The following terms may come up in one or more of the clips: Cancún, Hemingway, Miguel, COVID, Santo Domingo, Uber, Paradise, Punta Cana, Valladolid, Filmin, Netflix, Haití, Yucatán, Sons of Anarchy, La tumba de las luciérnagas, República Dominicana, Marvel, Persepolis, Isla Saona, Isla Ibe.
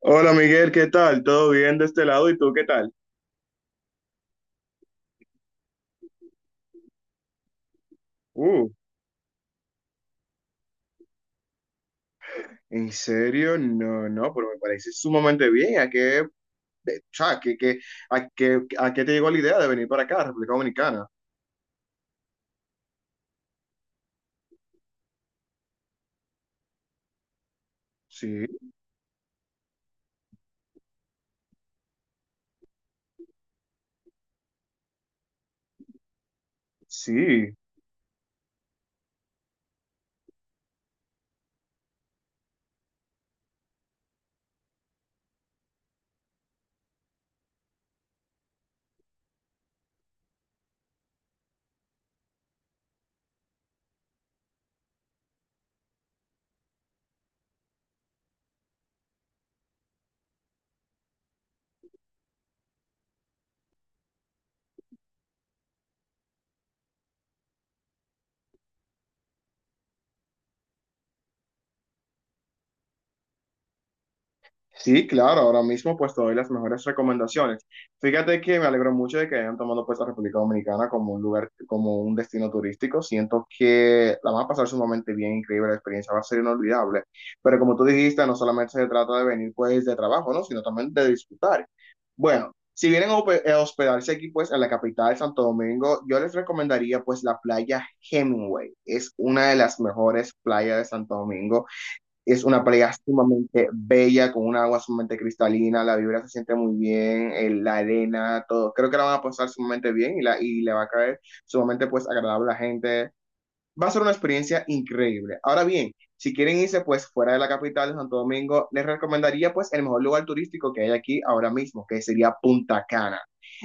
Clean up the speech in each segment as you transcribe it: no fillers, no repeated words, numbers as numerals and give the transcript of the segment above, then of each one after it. Hola Miguel, ¿qué tal? ¿Todo bien de este lado? ¿Y tú qué tal? Uh, ¿En serio? No, no, pero me parece sumamente bien. ¿A qué, o sea, a qué te llegó la idea de venir para acá, República Dominicana? Sí, sí. Sí, claro, ahora mismo pues te doy las mejores recomendaciones. Fíjate que me alegro mucho de que hayan tomado pues la República Dominicana como un lugar, como un destino turístico. Siento que la van a pasar sumamente bien, increíble, la experiencia va a ser inolvidable. Pero como tú dijiste, no solamente se trata de venir pues de trabajo, ¿no? Sino también de disfrutar. Bueno, si vienen a hospedarse aquí pues en la capital, Santo Domingo, yo les recomendaría pues la playa Hemingway. Es una de las mejores playas de Santo Domingo. Es una playa sumamente bella, con un agua sumamente cristalina, la vibra se siente muy bien, la arena, todo. Creo que la van a pasar sumamente bien y le va a caer sumamente pues agradable a la gente. Va a ser una experiencia increíble. Ahora bien, si quieren irse pues fuera de la capital de Santo Domingo, les recomendaría pues el mejor lugar turístico que hay aquí ahora mismo, que sería Punta Cana.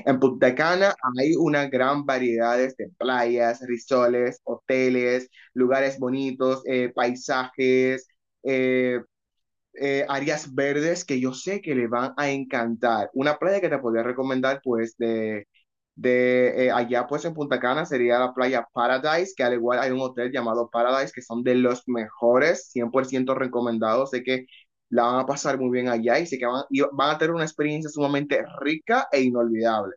En Punta Cana hay una gran variedad de playas, risoles, hoteles, lugares bonitos, paisajes, eh, áreas verdes que yo sé que le van a encantar. Una playa que te podría recomendar, pues, de allá, pues, en Punta Cana sería la playa Paradise, que al igual hay un hotel llamado Paradise, que son de los mejores, 100% recomendados. Sé que la van a pasar muy bien allá y sé y van a tener una experiencia sumamente rica e inolvidable.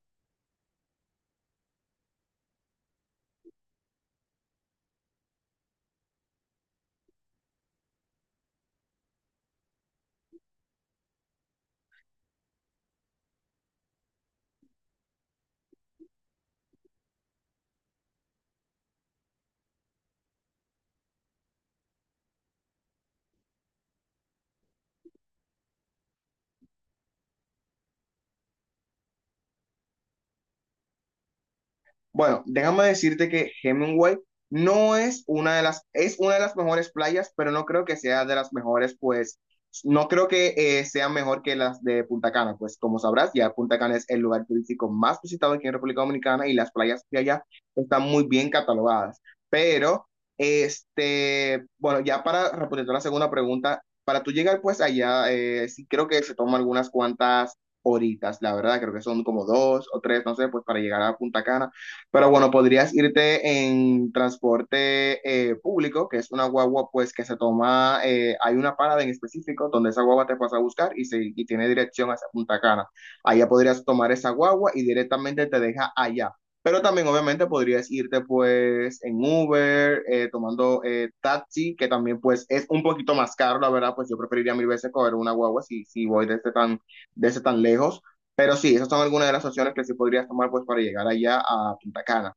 Bueno, déjame decirte que Hemingway no es una de las, es una de las mejores playas, pero no creo que sea de las mejores, pues, no creo que sea mejor que las de Punta Cana, pues como sabrás, ya Punta Cana es el lugar turístico más visitado aquí en República Dominicana y las playas de allá están muy bien catalogadas. Pero, este, bueno, ya para responder la segunda pregunta, para tú llegar pues allá, sí creo que se toman algunas cuantas horitas, la verdad, creo que son como dos o tres, no sé, pues para llegar a Punta Cana. Pero bueno, podrías irte en transporte público, que es una guagua pues que se toma, hay una parada en específico donde esa guagua te pasa a buscar y tiene dirección hacia Punta Cana. Allá podrías tomar esa guagua y directamente te deja allá. Pero también obviamente podrías irte pues en Uber, tomando taxi, que también pues es un poquito más caro, la verdad, pues yo preferiría mil veces coger una guagua si voy desde desde tan lejos. Pero sí, esas son algunas de las opciones que sí podrías tomar pues para llegar allá a Punta Cana.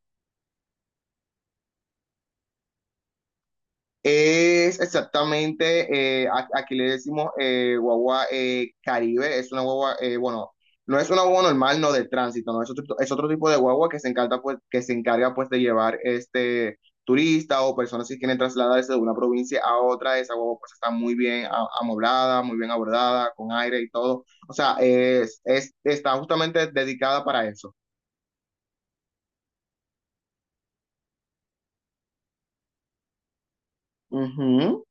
Es exactamente, aquí le decimos guagua Caribe, es una guagua, bueno, no es una guagua normal, no de tránsito, no, es otro tipo de guagua que se encarga pues, que se encarga pues de llevar este turista o personas que quieren trasladarse de una provincia a otra, esa guagua pues está muy bien amoblada, muy bien abordada, con aire y todo, o sea, está justamente dedicada para eso. Ujú.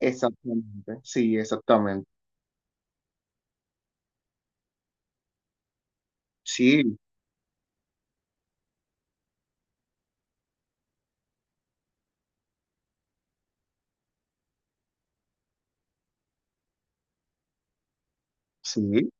Exactamente. Sí, sí,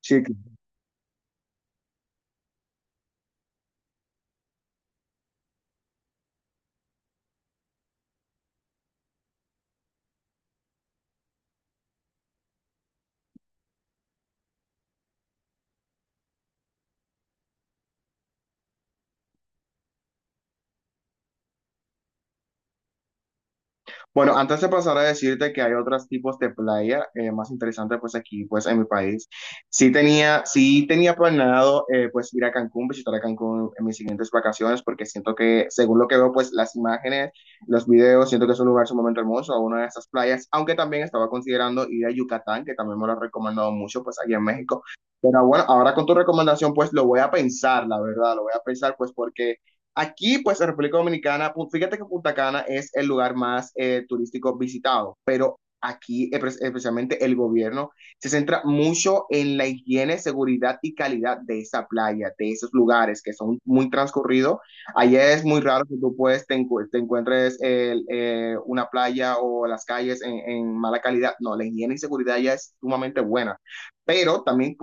sí. Bueno, antes de pasar a decirte que hay otros tipos de playa más interesantes, pues aquí, pues en mi país, sí tenía planeado, pues ir a Cancún, visitar a Cancún en mis siguientes vacaciones, porque siento que, según lo que veo, pues las imágenes, los videos, siento que es un lugar sumamente hermoso, una de esas playas, aunque también estaba considerando ir a Yucatán, que también me lo han recomendado mucho, pues allá en México. Pero bueno, ahora con tu recomendación, pues lo voy a pensar, la verdad, lo voy a pensar, pues porque... Aquí, pues, en República Dominicana, fíjate que Punta Cana es el lugar más turístico visitado, pero aquí, especialmente el gobierno, se centra mucho en la higiene, seguridad y calidad de esa playa, de esos lugares que son muy transcurridos. Allá es muy raro que tú, pues, te encuentres una playa o las calles en mala calidad. No, la higiene y seguridad ya es sumamente buena. Pero también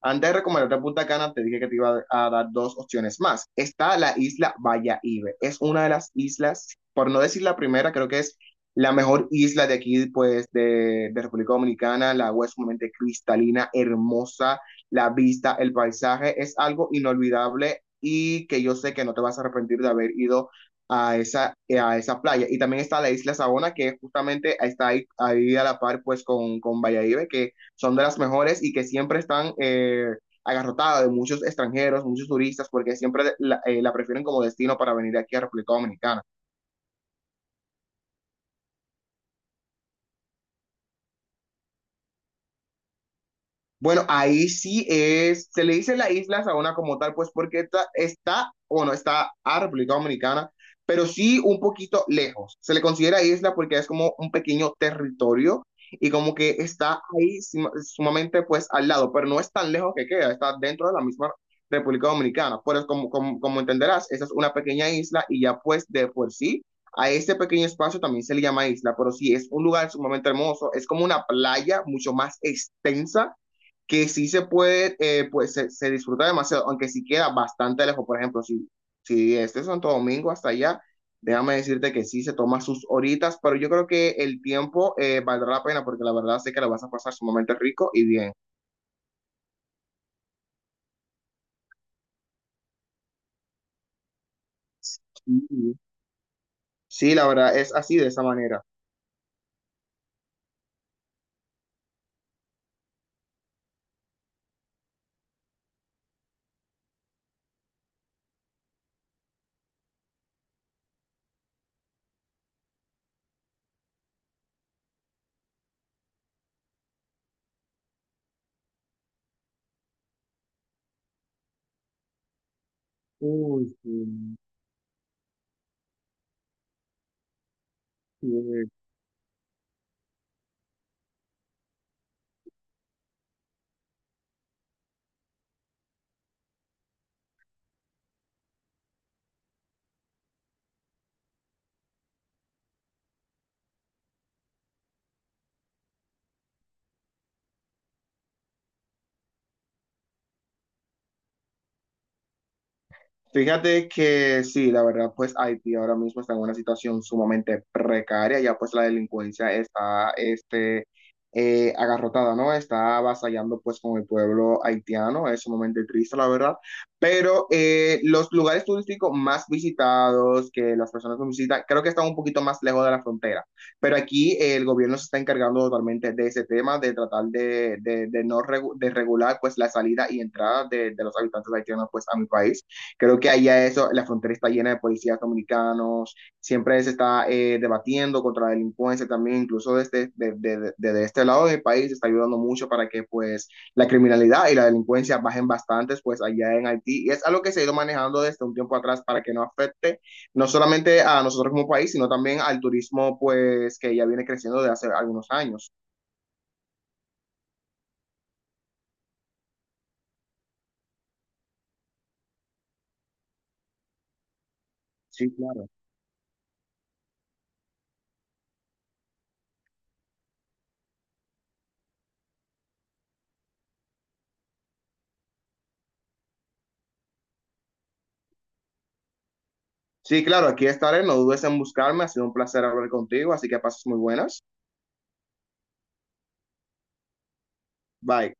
antes de recomendarte Punta Cana, te dije que te iba a dar dos opciones más. Está la isla Ibe. Es una de las islas, por no decir la primera, creo que es la mejor isla de aquí, pues, de República Dominicana. La agua es sumamente cristalina, hermosa. La vista, el paisaje, es algo inolvidable y que yo sé que no te vas a arrepentir de haber ido a esa playa. Y también está la isla Sabona, que justamente está ahí, ahí a la par, pues, con Valladolid, que son de las mejores y que siempre están agarrotadas de muchos extranjeros, muchos turistas, porque siempre la prefieren como destino para venir aquí a República Dominicana. Bueno, ahí sí se le dice la isla Saona como tal, pues porque está bueno, está a República Dominicana, pero sí un poquito lejos. Se le considera isla porque es como un pequeño territorio y como que está ahí sumamente pues al lado, pero no es tan lejos que queda, está dentro de la misma República Dominicana. Pero es como, como, como entenderás, esa es una pequeña isla y ya pues de por sí a ese pequeño espacio también se le llama isla, pero sí es un lugar sumamente hermoso, es como una playa mucho más extensa que sí se puede, pues disfruta demasiado, aunque sí queda bastante lejos. Por ejemplo, si es de Santo Domingo hasta allá, déjame decirte que sí se toma sus horitas, pero yo creo que el tiempo valdrá la pena porque la verdad sé que la vas a pasar sumamente rico y bien. Sí, sí, la verdad es así de esa manera. Uy, sí, sí. Fíjate que sí, la verdad, pues Haití ahora mismo está en una situación sumamente precaria, ya pues la delincuencia está este, agarrotada, ¿no? Está avasallando pues con el pueblo haitiano, es sumamente triste, la verdad, pero los lugares turísticos más visitados que las personas nos visitan, creo que están un poquito más lejos de la frontera, pero aquí el gobierno se está encargando totalmente de ese tema, de tratar de no de regular pues la salida y entrada de los habitantes haitianos pues a mi país. Creo que allá eso, la frontera está llena de policías dominicanos, siempre se está debatiendo contra la delincuencia también, incluso desde este lado del país se está ayudando mucho para que pues la criminalidad y la delincuencia bajen bastantes pues allá en Haití. Y es algo que se ha ido manejando desde un tiempo atrás para que no afecte no solamente a nosotros como país, sino también al turismo pues que ya viene creciendo desde hace algunos años. Sí, claro. Sí, claro, aquí estaré, no dudes en buscarme, ha sido un placer hablar contigo, así que pases muy buenas. Bye.